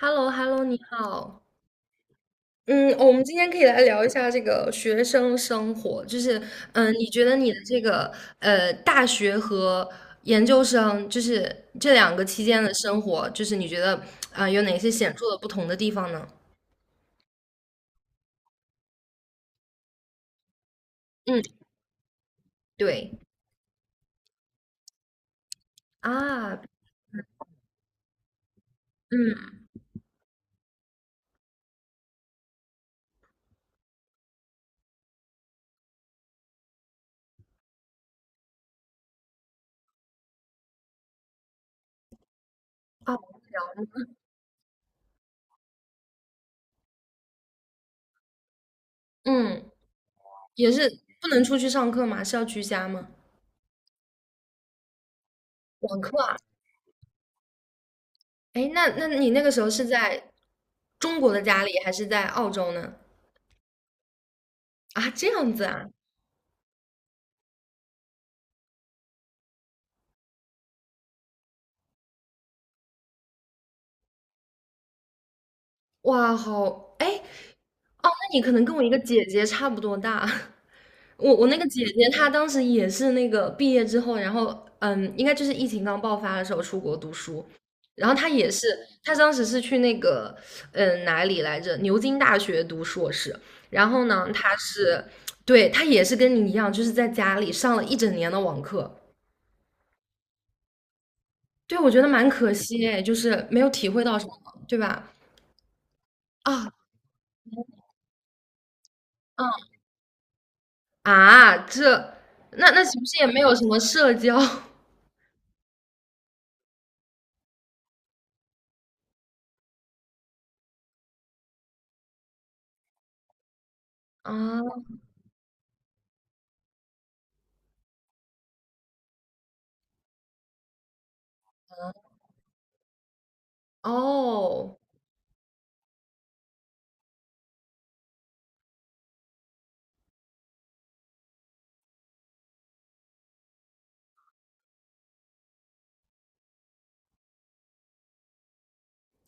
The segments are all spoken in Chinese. h e l l o h e l l o 你好。嗯，哦我们今天可以来聊一下这个学生生活，就是，你觉得你的这个大学和研究生，就是这两个期间的生活，就是你觉得啊、有哪些显著的不同的地方呢？嗯，对啊，嗯啊，嗯，也是不能出去上课吗？是要居家吗？网课啊？哎，那你那个时候是在中国的家里，还是在澳洲呢？啊，这样子啊。哇，好，哎，哦，那你可能跟我一个姐姐差不多大。我那个姐姐她当时也是那个毕业之后，然后应该就是疫情刚爆发的时候出国读书，然后她也是，她当时是去那个哪里来着，牛津大学读硕士，然后呢，对她也是跟你一样，就是在家里上了一整年的网课，对，我觉得蛮可惜哎，就是没有体会到什么，对吧？啊，嗯啊，那岂不是也没有什么社交 啊？哦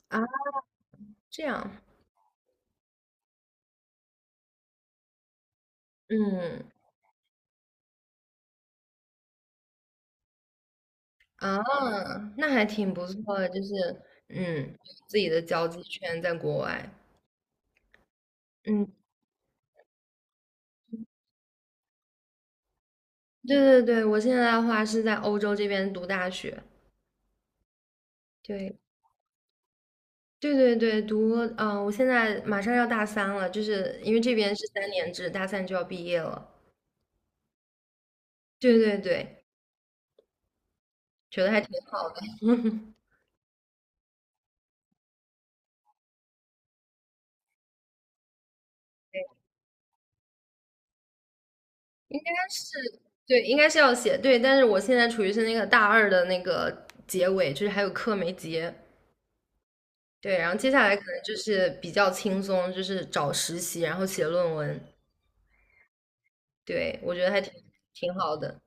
啊，这样，嗯啊，那还挺不错的，就是嗯，自己的交际圈在国外，嗯，对对对，我现在的话是在欧洲这边读大学，对对对对，我现在马上要大三了，就是因为这边是3年制，大三就要毕业了，对对对，觉得还挺好的，应该是，对，应该是要写，对，但是我现在处于是那个大二的那个结尾，就是还有课没结，对，然后接下来可能就是比较轻松，就是找实习，然后写论文，对，我觉得还挺好的。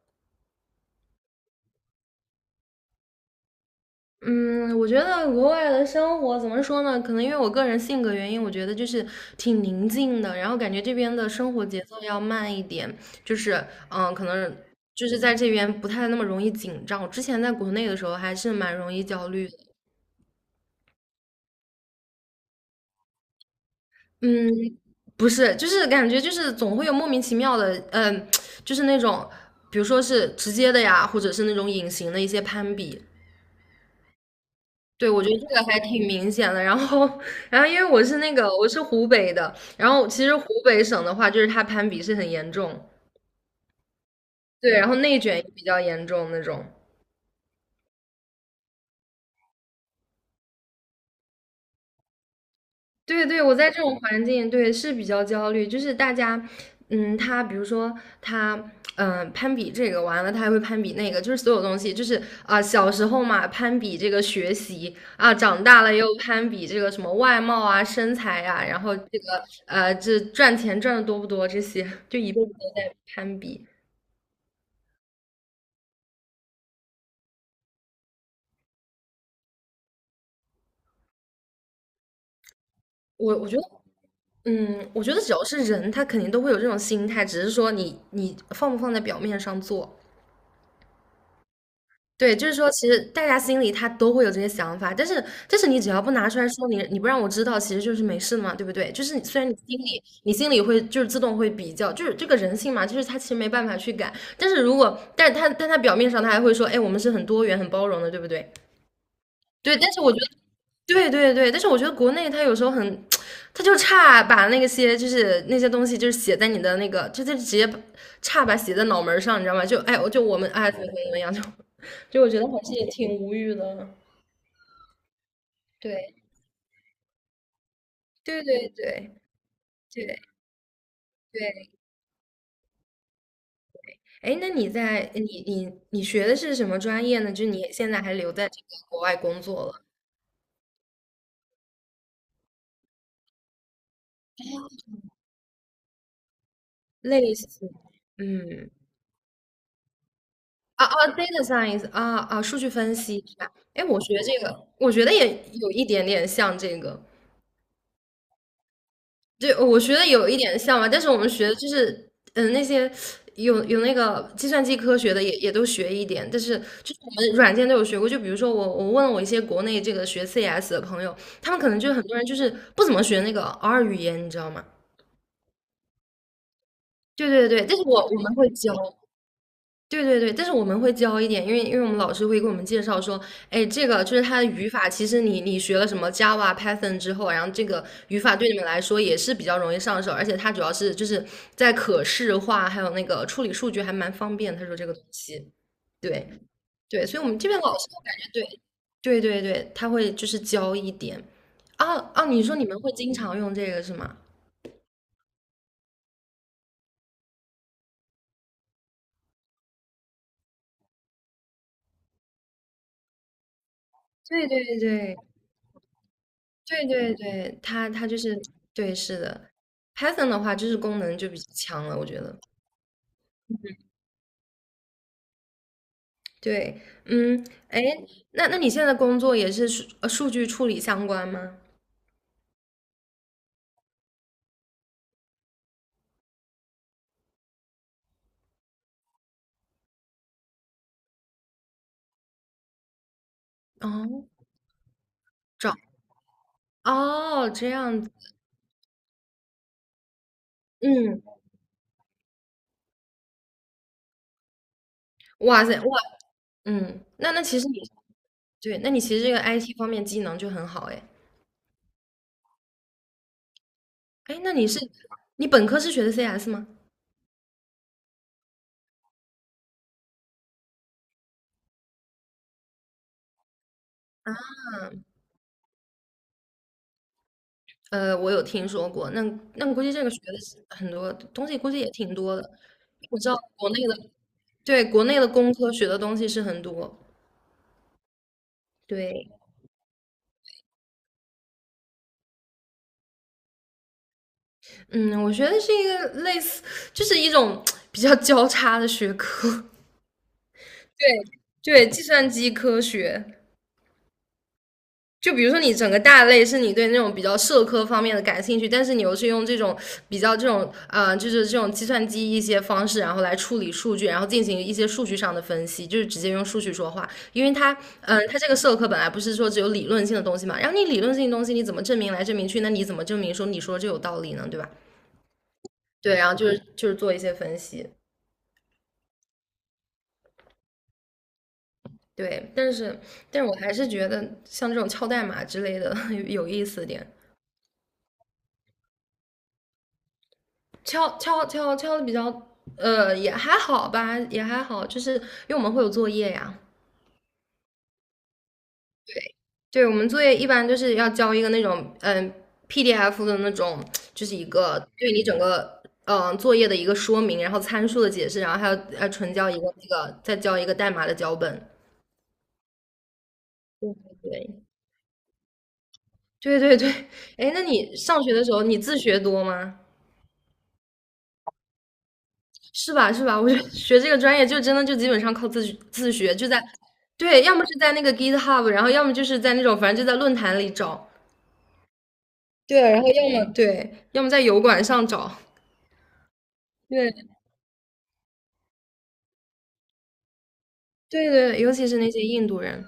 嗯，我觉得国外的生活怎么说呢？可能因为我个人性格原因，我觉得就是挺宁静的，然后感觉这边的生活节奏要慢一点，就是可能就是在这边不太那么容易紧张。我之前在国内的时候还是蛮容易焦虑的，嗯，不是，就是感觉就是总会有莫名其妙的，就是那种，比如说是直接的呀，或者是那种隐形的一些攀比。对，我觉得这个还挺明显的。然后，因为我是湖北的，然后其实湖北省的话，就是它攀比是很严重，对，然后内卷也比较严重那种。对对，我在这种环境，对，是比较焦虑，就是大家，他比如说他，攀比这个完了，他还会攀比那个，就是所有东西，就是啊、小时候嘛，攀比这个学习啊，长大了又攀比这个什么外貌啊、身材呀，然后这个这赚钱赚的多不多这些，就一辈子都在攀比。我我觉得，我觉得只要是人，他肯定都会有这种心态，只是说你放不放在表面上做。对，就是说，其实大家心里他都会有这些想法，但是你只要不拿出来说你，你不让我知道，其实就是没事嘛，对不对？就是你虽然你心里会就是自动会比较，就是这个人性嘛，就是他其实没办法去改。但是如果但是他但他表面上他还会说，哎，我们是很多元很包容的，对不对？对，但是我觉得对对对，但是我觉得国内它有时候很，它就差把那些就是那些东西就是写在你的那个，就直接把差把写在脑门儿上，你知道吗？就哎，我就我们哎怎么怎么样，就我觉得还是也挺无语的。对对对对对对，哎，那你在你学的是什么专业呢？就你现在还留在这个国外工作了，类似，嗯啊啊，data science 啊啊，数据分析是吧？哎，我学这个，我觉得也有一点点像这个，对，我学的有一点像吧。但是我们学的就是，那些有那个计算机科学的也都学一点，但是就是我们软件都有学过。就比如说我问了我一些国内这个学 CS 的朋友，他们可能就很多人就是不怎么学那个 R 语言，你知道吗？对对对，但是我们会教。对对对，但是我们会教一点，因为我们老师会给我们介绍说，哎，这个就是它的语法，其实你学了什么 Java、Python 之后啊，然后这个语法对你们来说也是比较容易上手，而且它主要是就是在可视化，还有那个处理数据还蛮方便。他说这个东西，对对，所以我们这边老师我感觉对对对对，他会就是教一点。啊啊，你说你们会经常用这个是吗？对对对对对对，它就是对，是的。Python 的话，就是功能就比较强了，我觉得。对，嗯，哎，那你现在的工作也是数据处理相关吗？哦，找哦，这样子，嗯，哇塞，哇，嗯，那其实你对，那你其实这个 IT 方面技能就很好哎，哎，那你是你本科是学的 CS 吗？我有听说过，那估计这个学的是很多东西，估计也挺多的。我知道国内的对，国内的工科学的东西是很多。对，嗯，我觉得是一个类似，就是一种 比较交叉的学科。对，对，计算机科学。就比如说你整个大类是你对那种比较社科方面的感兴趣，但是你又是用这种比较这种就是这种计算机一些方式，然后来处理数据，然后进行一些数据上的分析，就是直接用数据说话。因为它这个社科本来不是说只有理论性的东西嘛，然后你理论性的东西你怎么证明来证明去？那你怎么证明说你说这有道理呢？对吧？对，然后就是做一些分析。对，但是我还是觉得像这种敲代码之类的 有意思点。敲敲的比较，也还好吧，也还好，就是因为我们会有作业呀，对我们作业一般就是要交一个那种PDF 的那种，就是一个对你整个作业的一个说明，然后参数的解释，然后还要纯交一个那个再交一个代码的脚本。对对对对对对，哎，那你上学的时候你自学多吗？是吧？是吧？我觉得 学这个专业就真的就基本上靠自学，就在对，要么是在那个 GitHub，然后要么就是在那种反正就在论坛里找，对，然后要么对，要么在油管上找，对对对，尤其是那些印度人，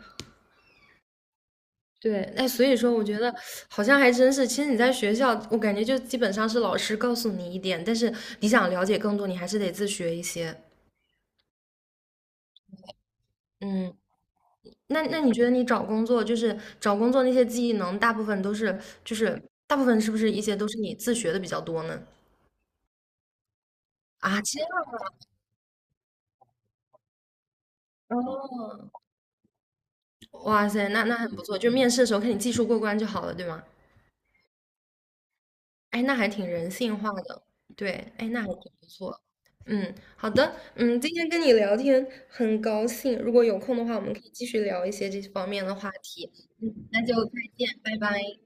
对，哎，所以说我觉得好像还真是，其实你在学校，我感觉就基本上是老师告诉你一点，但是你想了解更多，你还是得自学一些，嗯。那你觉得你找工作，就是找工作那些技能，大部分都是就是大部分是不是一些都是你自学的比较多呢？啊，其实哦，哇塞，那很不错，就面试的时候看你技术过关就好了，对吗？哎，那还挺人性化的，对，哎，那还挺不错。嗯，好的，今天跟你聊天很高兴，如果有空的话，我们可以继续聊一些这方面的话题。那就再见，拜拜。